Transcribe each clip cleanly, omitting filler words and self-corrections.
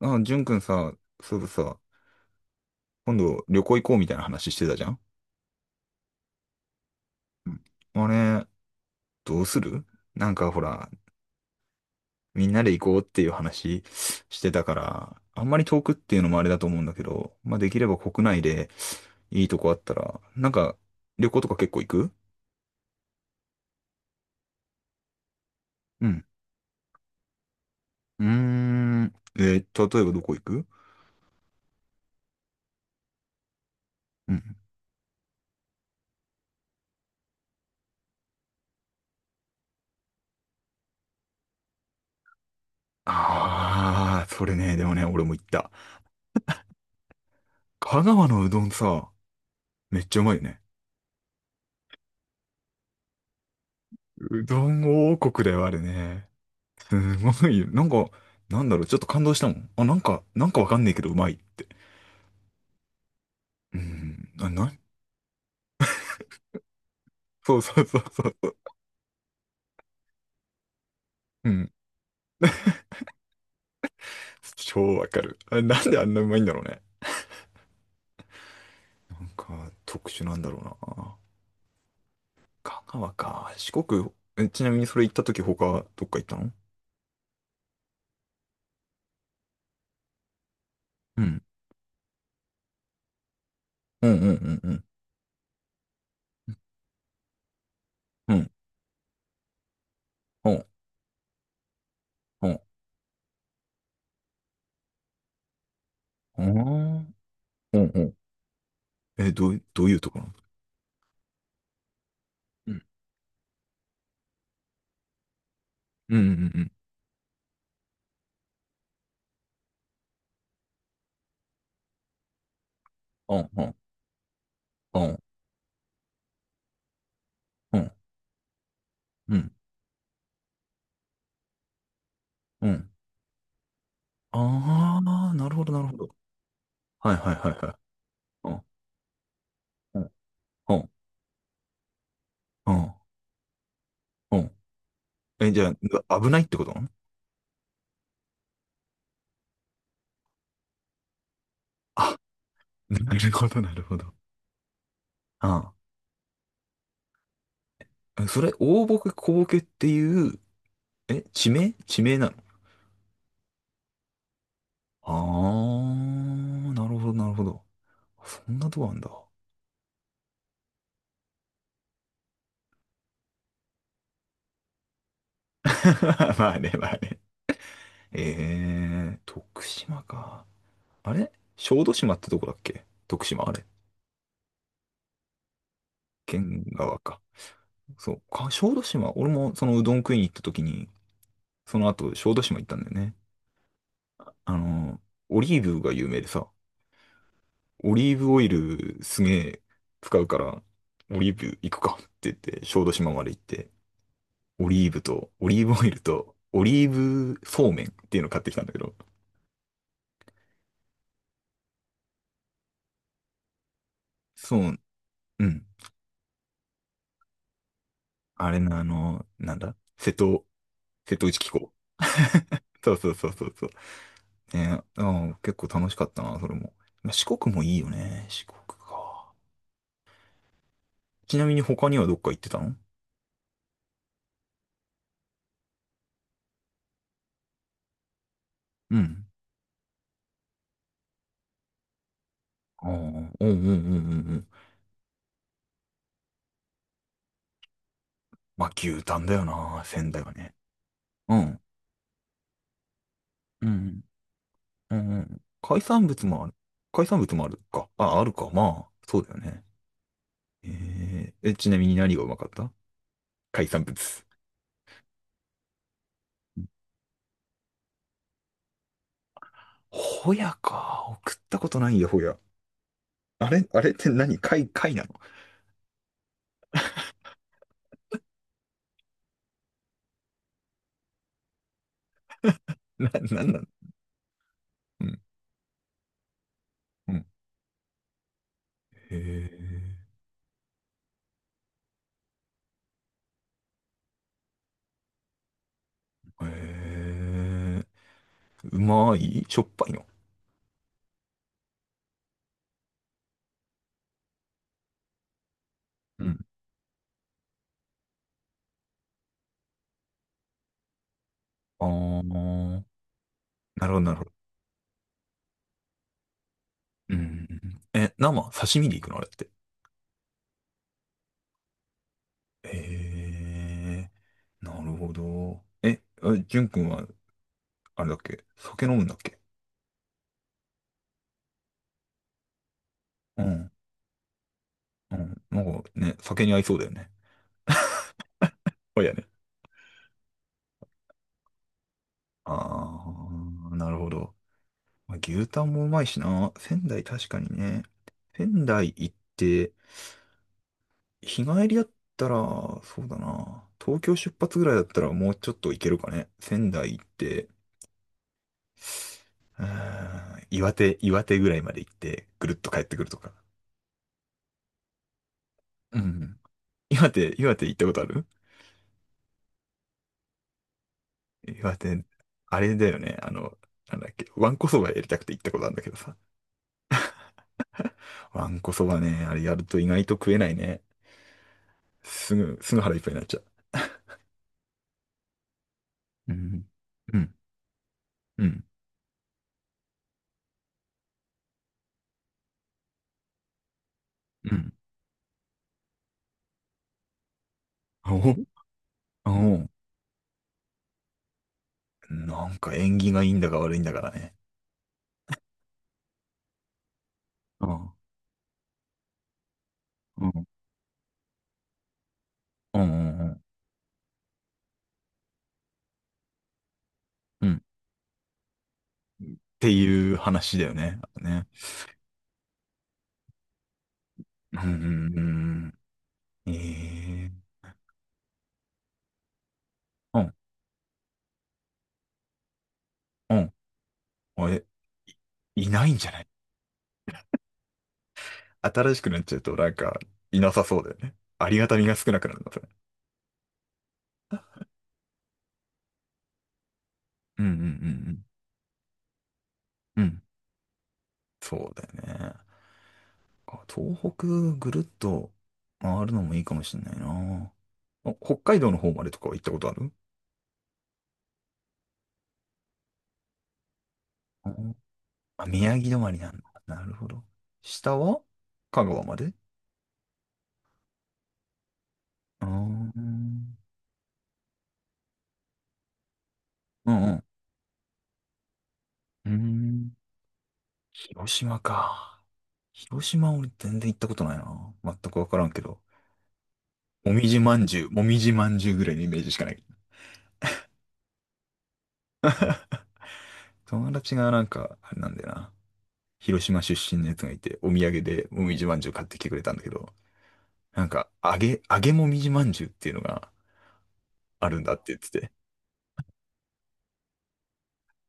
あ、ジュン君さ、そうださ、今度旅行行こうみたいな話してたじゃん。うん。あれ、どうする？なんかほら、みんなで行こうっていう話してたから、あんまり遠くっていうのもあれだと思うんだけど、まあできれば国内でいいとこあったら、なんか旅行とか結構行く？うん。うーん。例えばどこ行く？うん。ああ、それね、でもね、俺も行った。香川のうどんさ、めっちゃうまいよね。うどん王国ではあるね。すごいよ。なんか、なんだろう、ちょっと感動したもん。あ、なんか、わかんねえけど、うまいって。うん。あ、そうそうそうそうそう。うん。超わかる。あ、なんであんなうまいんだろうね。なんか、特殊なんだろうな。香川か。四国、ちなみにそれ行った時他、どっか行ったの？うん。うんうんうんうん。うん。うん。うん。あーうんうん。え、どういうところ？うん。うんうんうんうん。うんうんうんうん。うんうん。ああ、なるほどなるほど。はいはいはいはい。うん。うん。うん。うん。え、じゃあ、危ないってこと？あ、なるほど、なるほど。ああ。それ、大ボケ、小ボケっていう、え、地名なの？ああー、なるほど、なるほど。そんなとこあんだ。まあね、まあね。徳島か。あれ、小豆島ってとこだっけ、徳島、あれ？県側か。そう。小豆島。俺もそのうどん食いに行った時に、その後、小豆島行ったんだよね。あの、オリーブが有名でさ、オリーブオイルすげえ使うから、オリーブ行くかって言って、小豆島まで行って、オリーブと、オリーブオイルと、オリーブそうめんっていうのを買ってきたんだけど、そう、うん。あれな、あの、なんだ瀬戸内機構。そうそうそうそうそう。ね、あ、結構楽しかったな、それも。まあ四国もいいよね、四国か。ちなみに他にはどっか行ってたの？うん。ああ、うんうんうんうんうん。まあ、牛タンだよな、仙台はね。うん。うん。うん。うん、海産物もある。海産物もあるか。あ、あるか。まあ、そうだよね。ちなみに何がうまかった、海産物？ホヤか。送ったことないよ、ホヤ。あれって何貝なの？なんなの？うん。うん。へえ。へえ。うまい、しょっぱいの？うん。ああ、なるほど、なるほど。うん。え、刺身でいくのあれって。へえ、なるほど。え、あ、じゅんくんは、あれだっけ酒飲むんだっけ？うん。うん。なんかね、酒に合いそうだよね。そうやね。ああ、なるほど。まあ、牛タンもうまいしな。仙台確かにね。仙台行って、日帰りだったら、そうだな。東京出発ぐらいだったらもうちょっと行けるかね。仙台行って、うー岩手ぐらいまで行って、ぐるっと帰ってくるとか。うん。岩手、岩手行ったことある？岩手、あれだよね。あの、なんだっけ、わんこそばやりたくて行ったことあるんだけどさ。わんこそばね、あれやると意外と食えないね。すぐ腹いっぱいになっちゃう。うん。うん。うん。うん。おおう。なんか縁起がいいんだか悪いんだからね。うん。うん。うん。うん。うん、っていう話だよね。あとね。うん。うん。うん。うん。うん。あえ、いないんじゃない？新しくなっちゃうとなんか、いなさそうだよね。ありがたみが少なくなるの。うんうんうんうん。うん。そうだよね。あ、東北ぐるっと回るのもいいかもしれないな。あ、北海道の方までとかは行ったことある？うん。あ、宮城止まりなんだ。なるほど。下は香川まで？あーうんうんうん。広島か。広島俺全然行ったことないな。全くわからんけど。もみじまんじゅうぐらいのイメージしかない。友達がなんか、あれなんだよな。広島出身のやつがいて、お土産でもみじまんじゅう買ってきてくれたんだけど、なんか、揚げもみじまんじゅうっていうのがあるんだって言ってて、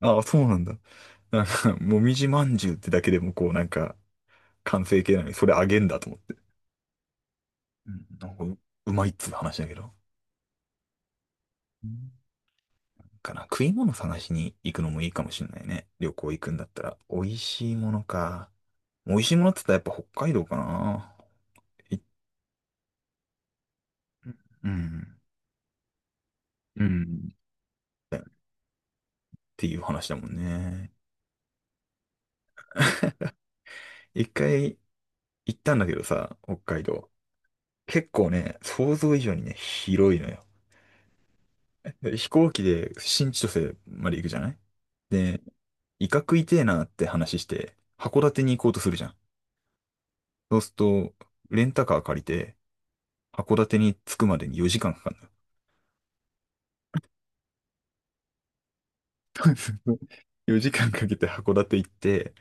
ああ、そうなんだ。なんか、もみじまんじゅうってだけでもこう、なんか、完成形なのに、それ揚げんだと思って。うん、なんかうまいっつう話だけど。うん、かな、食い物探しに行くのもいいかもしれないね。旅行行くんだったら。美味しいものか。美味しいものって言ったらやっぱ北海道かな。いうん。うん。っていう話だもんね。一回行ったんだけどさ、北海道。結構ね、想像以上にね、広いのよ。で、飛行機で新千歳まで行くじゃない？で、イカ食いてえなって話して、函館に行こうとするじゃん。そうすると、レンタカー借りて、函館に着くまでに4時間かかるのよ。4時間かけて函館行って、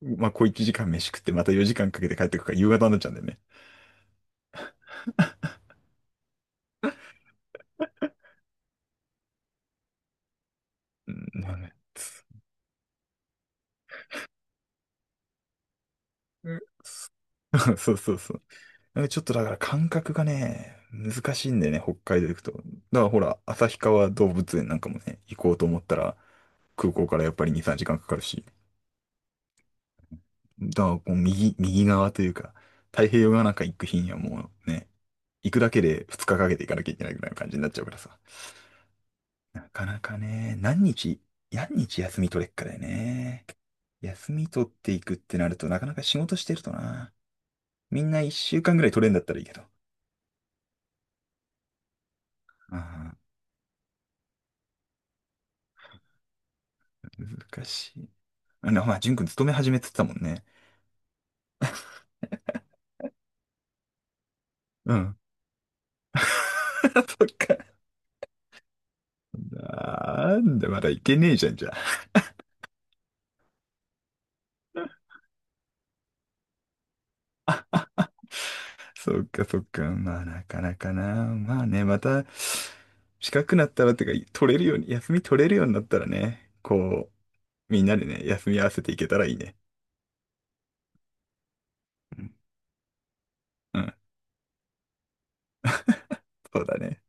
まあ、小1時間飯食って、また4時間かけて帰ってくるから夕方になっちゃうんだよね。うん、まあね。そうそうそう。ちょっとだから感覚がね、難しいんだよね、北海道行くと。だからほら、旭川動物園なんかもね、行こうと思ったら、空港からやっぱり2、3時間かんかかるし。だからこう、右側というか、太平洋側なんか行く日にはもうね、行くだけで2日かかけて行かなきゃいけないぐらいの感じになっちゃうからさ。なかなかね、何日休み取れっかだよね。休み取っていくってなると、なかなか仕事してるとな。みんな1週間ぐらい取れんだったらいいけど。あ、難しい。あの、まあ、淳君勤め始めてたもんね。うん。そっか。なんだ、まだいけねえじゃん、じゃあ。そっか、そっか。まあ、なかなかな。まあね、また、近くなったらってか、取れるように、休み取れるようになったらね、こう、みんなでね、休み合わせていけたらいいね。うん、うん、そうだね。